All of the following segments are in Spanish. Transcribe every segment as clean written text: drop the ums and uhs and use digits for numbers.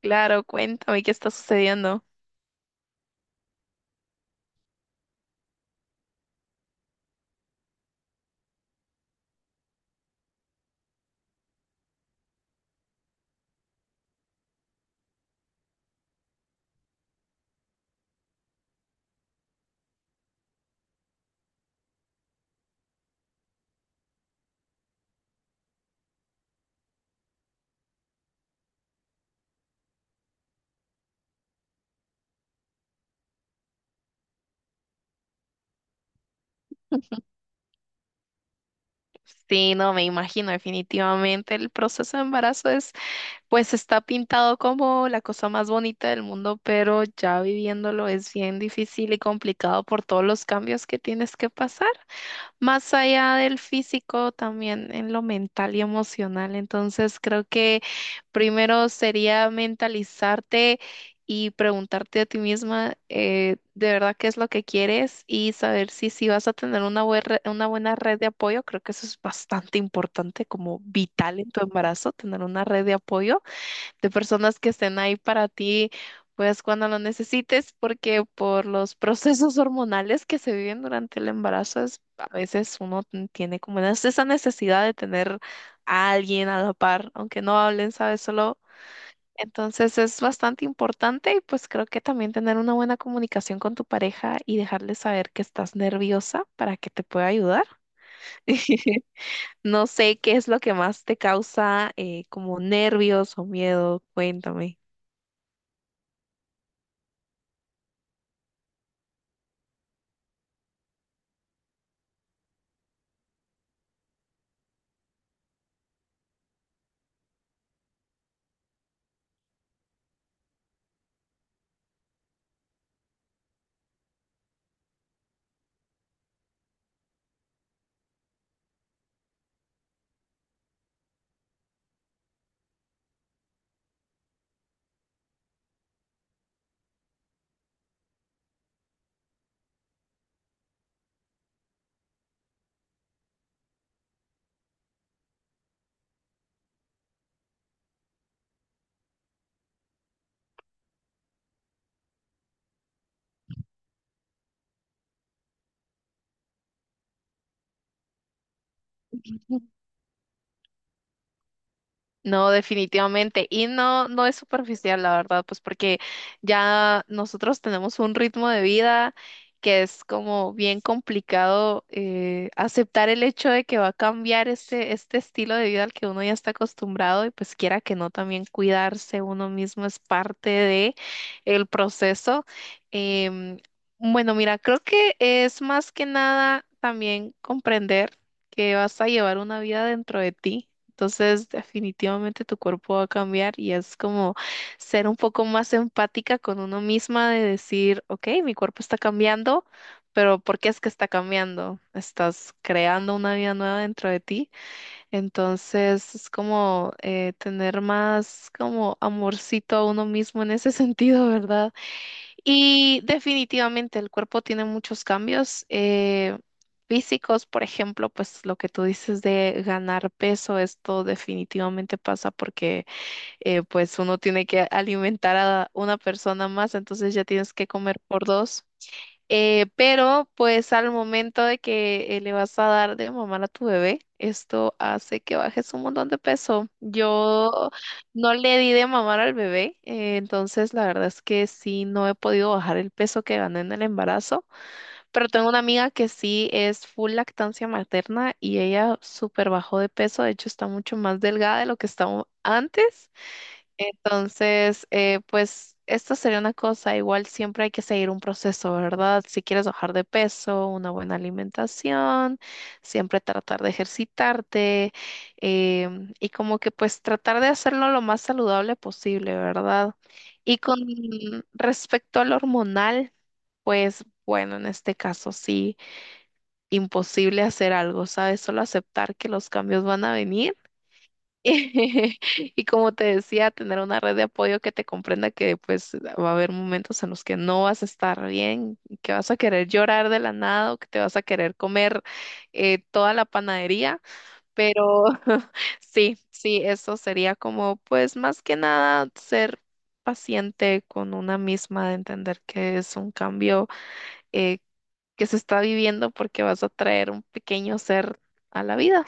Claro, cuéntame qué está sucediendo. Sí, no, me imagino, definitivamente el proceso de embarazo es, pues está pintado como la cosa más bonita del mundo, pero ya viviéndolo es bien difícil y complicado por todos los cambios que tienes que pasar. Más allá del físico, también en lo mental y emocional. Entonces, creo que primero sería mentalizarte y preguntarte a ti misma, de verdad qué es lo que quieres y saber si vas a tener una, una buena red de apoyo. Creo que eso es bastante importante, como vital en tu embarazo, tener una red de apoyo de personas que estén ahí para ti, pues cuando lo necesites, porque por los procesos hormonales que se viven durante el embarazo, a veces uno tiene como esa necesidad de tener a alguien a la par, aunque no hablen, ¿sabes? Solo... Entonces es bastante importante y pues creo que también tener una buena comunicación con tu pareja y dejarle saber que estás nerviosa para que te pueda ayudar. No sé qué es lo que más te causa, como nervios o miedo, cuéntame. No, definitivamente. Y no, no es superficial, la verdad, pues porque ya nosotros tenemos un ritmo de vida que es como bien complicado, aceptar el hecho de que va a cambiar este estilo de vida al que uno ya está acostumbrado, y pues quiera que no, también cuidarse uno mismo es parte de el proceso. Em, bueno, mira, creo que es más que nada también comprender que vas a llevar una vida dentro de ti. Entonces, definitivamente tu cuerpo va a cambiar y es como ser un poco más empática con uno misma de decir, ok, mi cuerpo está cambiando, pero ¿por qué es que está cambiando? Estás creando una vida nueva dentro de ti. Entonces, es como, tener más como amorcito a uno mismo en ese sentido, ¿verdad? Y definitivamente el cuerpo tiene muchos cambios, físicos, por ejemplo, pues lo que tú dices de ganar peso, esto definitivamente pasa porque, pues uno tiene que alimentar a una persona más, entonces ya tienes que comer por dos. Pero pues al momento de que, le vas a dar de mamar a tu bebé, esto hace que bajes un montón de peso. Yo no le di de mamar al bebé, entonces la verdad es que sí, no he podido bajar el peso que gané en el embarazo, pero tengo una amiga que sí es full lactancia materna y ella súper bajó de peso, de hecho está mucho más delgada de lo que estaba antes. Entonces, pues esta sería una cosa, igual siempre hay que seguir un proceso, ¿verdad? Si quieres bajar de peso, una buena alimentación, siempre tratar de ejercitarte, y como que pues tratar de hacerlo lo más saludable posible, ¿verdad? Y con respecto al hormonal, pues bueno, en este caso sí, imposible hacer algo, ¿sabes? Solo aceptar que los cambios van a venir. Y como te decía, tener una red de apoyo que te comprenda, que pues va a haber momentos en los que no vas a estar bien, que vas a querer llorar de la nada o que te vas a querer comer, toda la panadería, pero sí, sí, eso sería como pues más que nada ser paciente con una misma, de entender que es un cambio, eh, que se está viviendo porque vas a traer un pequeño ser a la vida.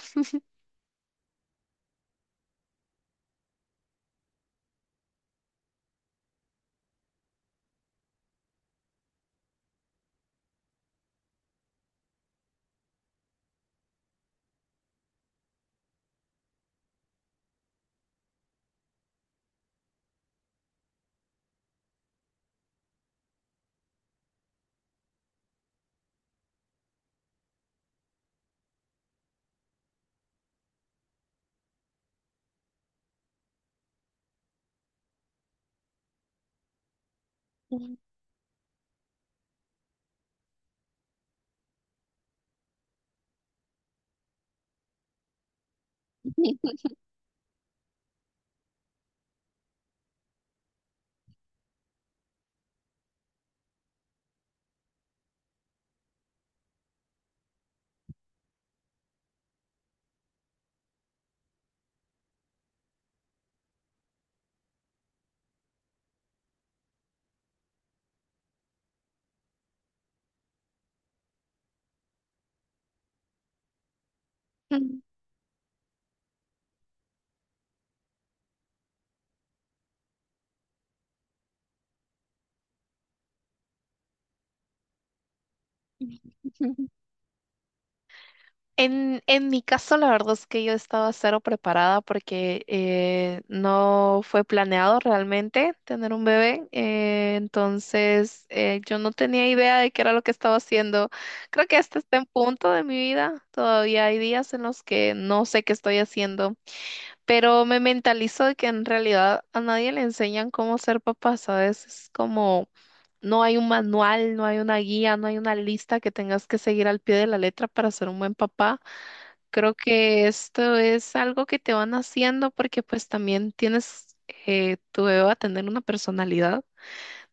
Ujú. En mi caso, la verdad es que yo estaba cero preparada porque, no fue planeado realmente tener un bebé. Entonces, yo no tenía idea de qué era lo que estaba haciendo. Creo que este está en punto de mi vida. Todavía hay días en los que no sé qué estoy haciendo, pero me mentalizo de que en realidad a nadie le enseñan cómo ser papá, ¿sabes? Es como... No hay un manual, no hay una guía, no hay una lista que tengas que seguir al pie de la letra para ser un buen papá. Creo que esto es algo que te van haciendo porque pues también tienes, tu bebé va a tener una personalidad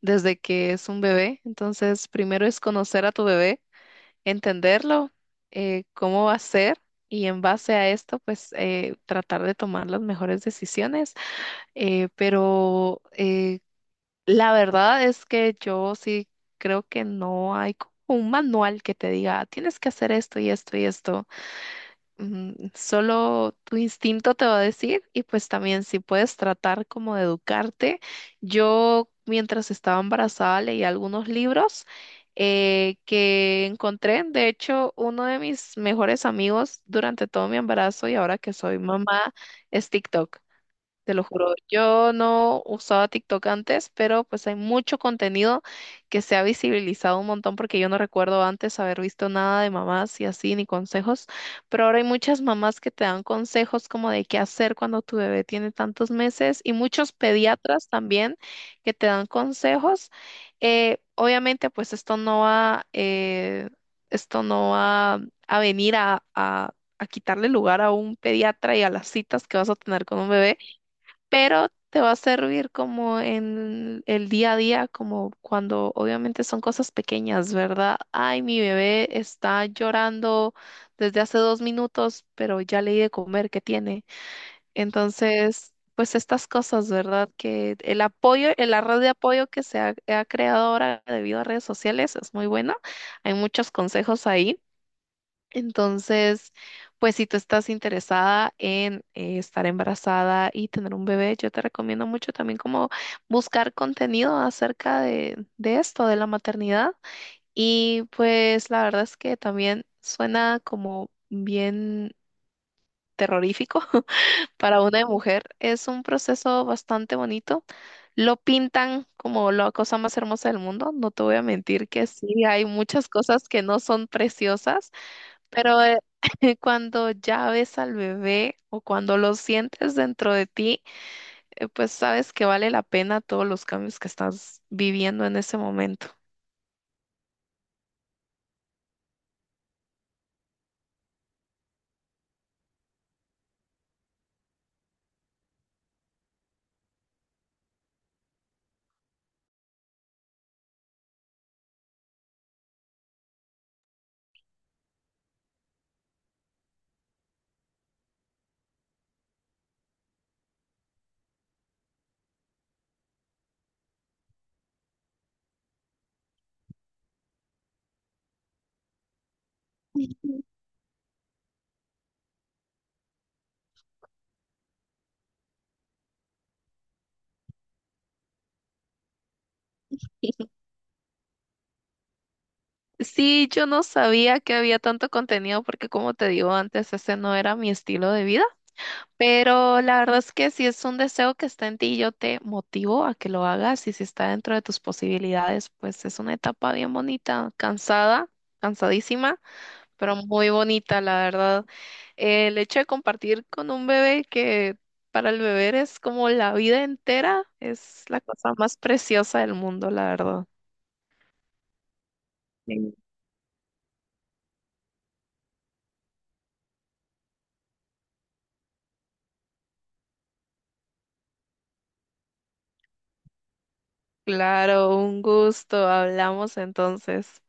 desde que es un bebé. Entonces, primero es conocer a tu bebé, entenderlo, cómo va a ser, y en base a esto pues, tratar de tomar las mejores decisiones. Pero la verdad es que yo sí creo que no hay como un manual que te diga, tienes que hacer esto y esto y esto. Solo tu instinto te va a decir, y pues también si puedes tratar como de educarte. Yo mientras estaba embarazada leí algunos libros, que encontré. De hecho, uno de mis mejores amigos durante todo mi embarazo y ahora que soy mamá es TikTok. Te lo juro, yo no usaba TikTok antes, pero pues hay mucho contenido que se ha visibilizado un montón, porque yo no recuerdo antes haber visto nada de mamás y así, ni consejos, pero ahora hay muchas mamás que te dan consejos como de qué hacer cuando tu bebé tiene tantos meses, y muchos pediatras también que te dan consejos. Obviamente pues esto no va, esto no va a venir a... a quitarle lugar a un pediatra y a las citas que vas a tener con un bebé, pero te va a servir como en el día a día, como cuando obviamente son cosas pequeñas, ¿verdad? Ay, mi bebé está llorando desde hace dos minutos, pero ya le di de comer, ¿qué tiene? Entonces, pues estas cosas, ¿verdad? Que el apoyo, la red de apoyo que se ha creado ahora debido a redes sociales es muy buena. Hay muchos consejos ahí. Entonces, pues si tú estás interesada en, estar embarazada y tener un bebé, yo te recomiendo mucho también como buscar contenido acerca de esto, de la maternidad. Y pues la verdad es que también suena como bien terrorífico para una mujer. Es un proceso bastante bonito. Lo pintan como la cosa más hermosa del mundo. No te voy a mentir que sí, hay muchas cosas que no son preciosas, pero cuando ya ves al bebé o cuando lo sientes dentro de ti, pues sabes que vale la pena todos los cambios que estás viviendo en ese momento. Sí, yo no sabía que había tanto contenido, porque como te digo antes, ese no era mi estilo de vida, pero la verdad es que si es un deseo que está en ti, yo te motivo a que lo hagas, y si está dentro de tus posibilidades, pues es una etapa bien bonita, cansada, cansadísima, pero muy bonita, la verdad. El hecho de compartir con un bebé que para el bebé es como la vida entera, es la cosa más preciosa del mundo, la verdad. Claro, un gusto. Hablamos entonces.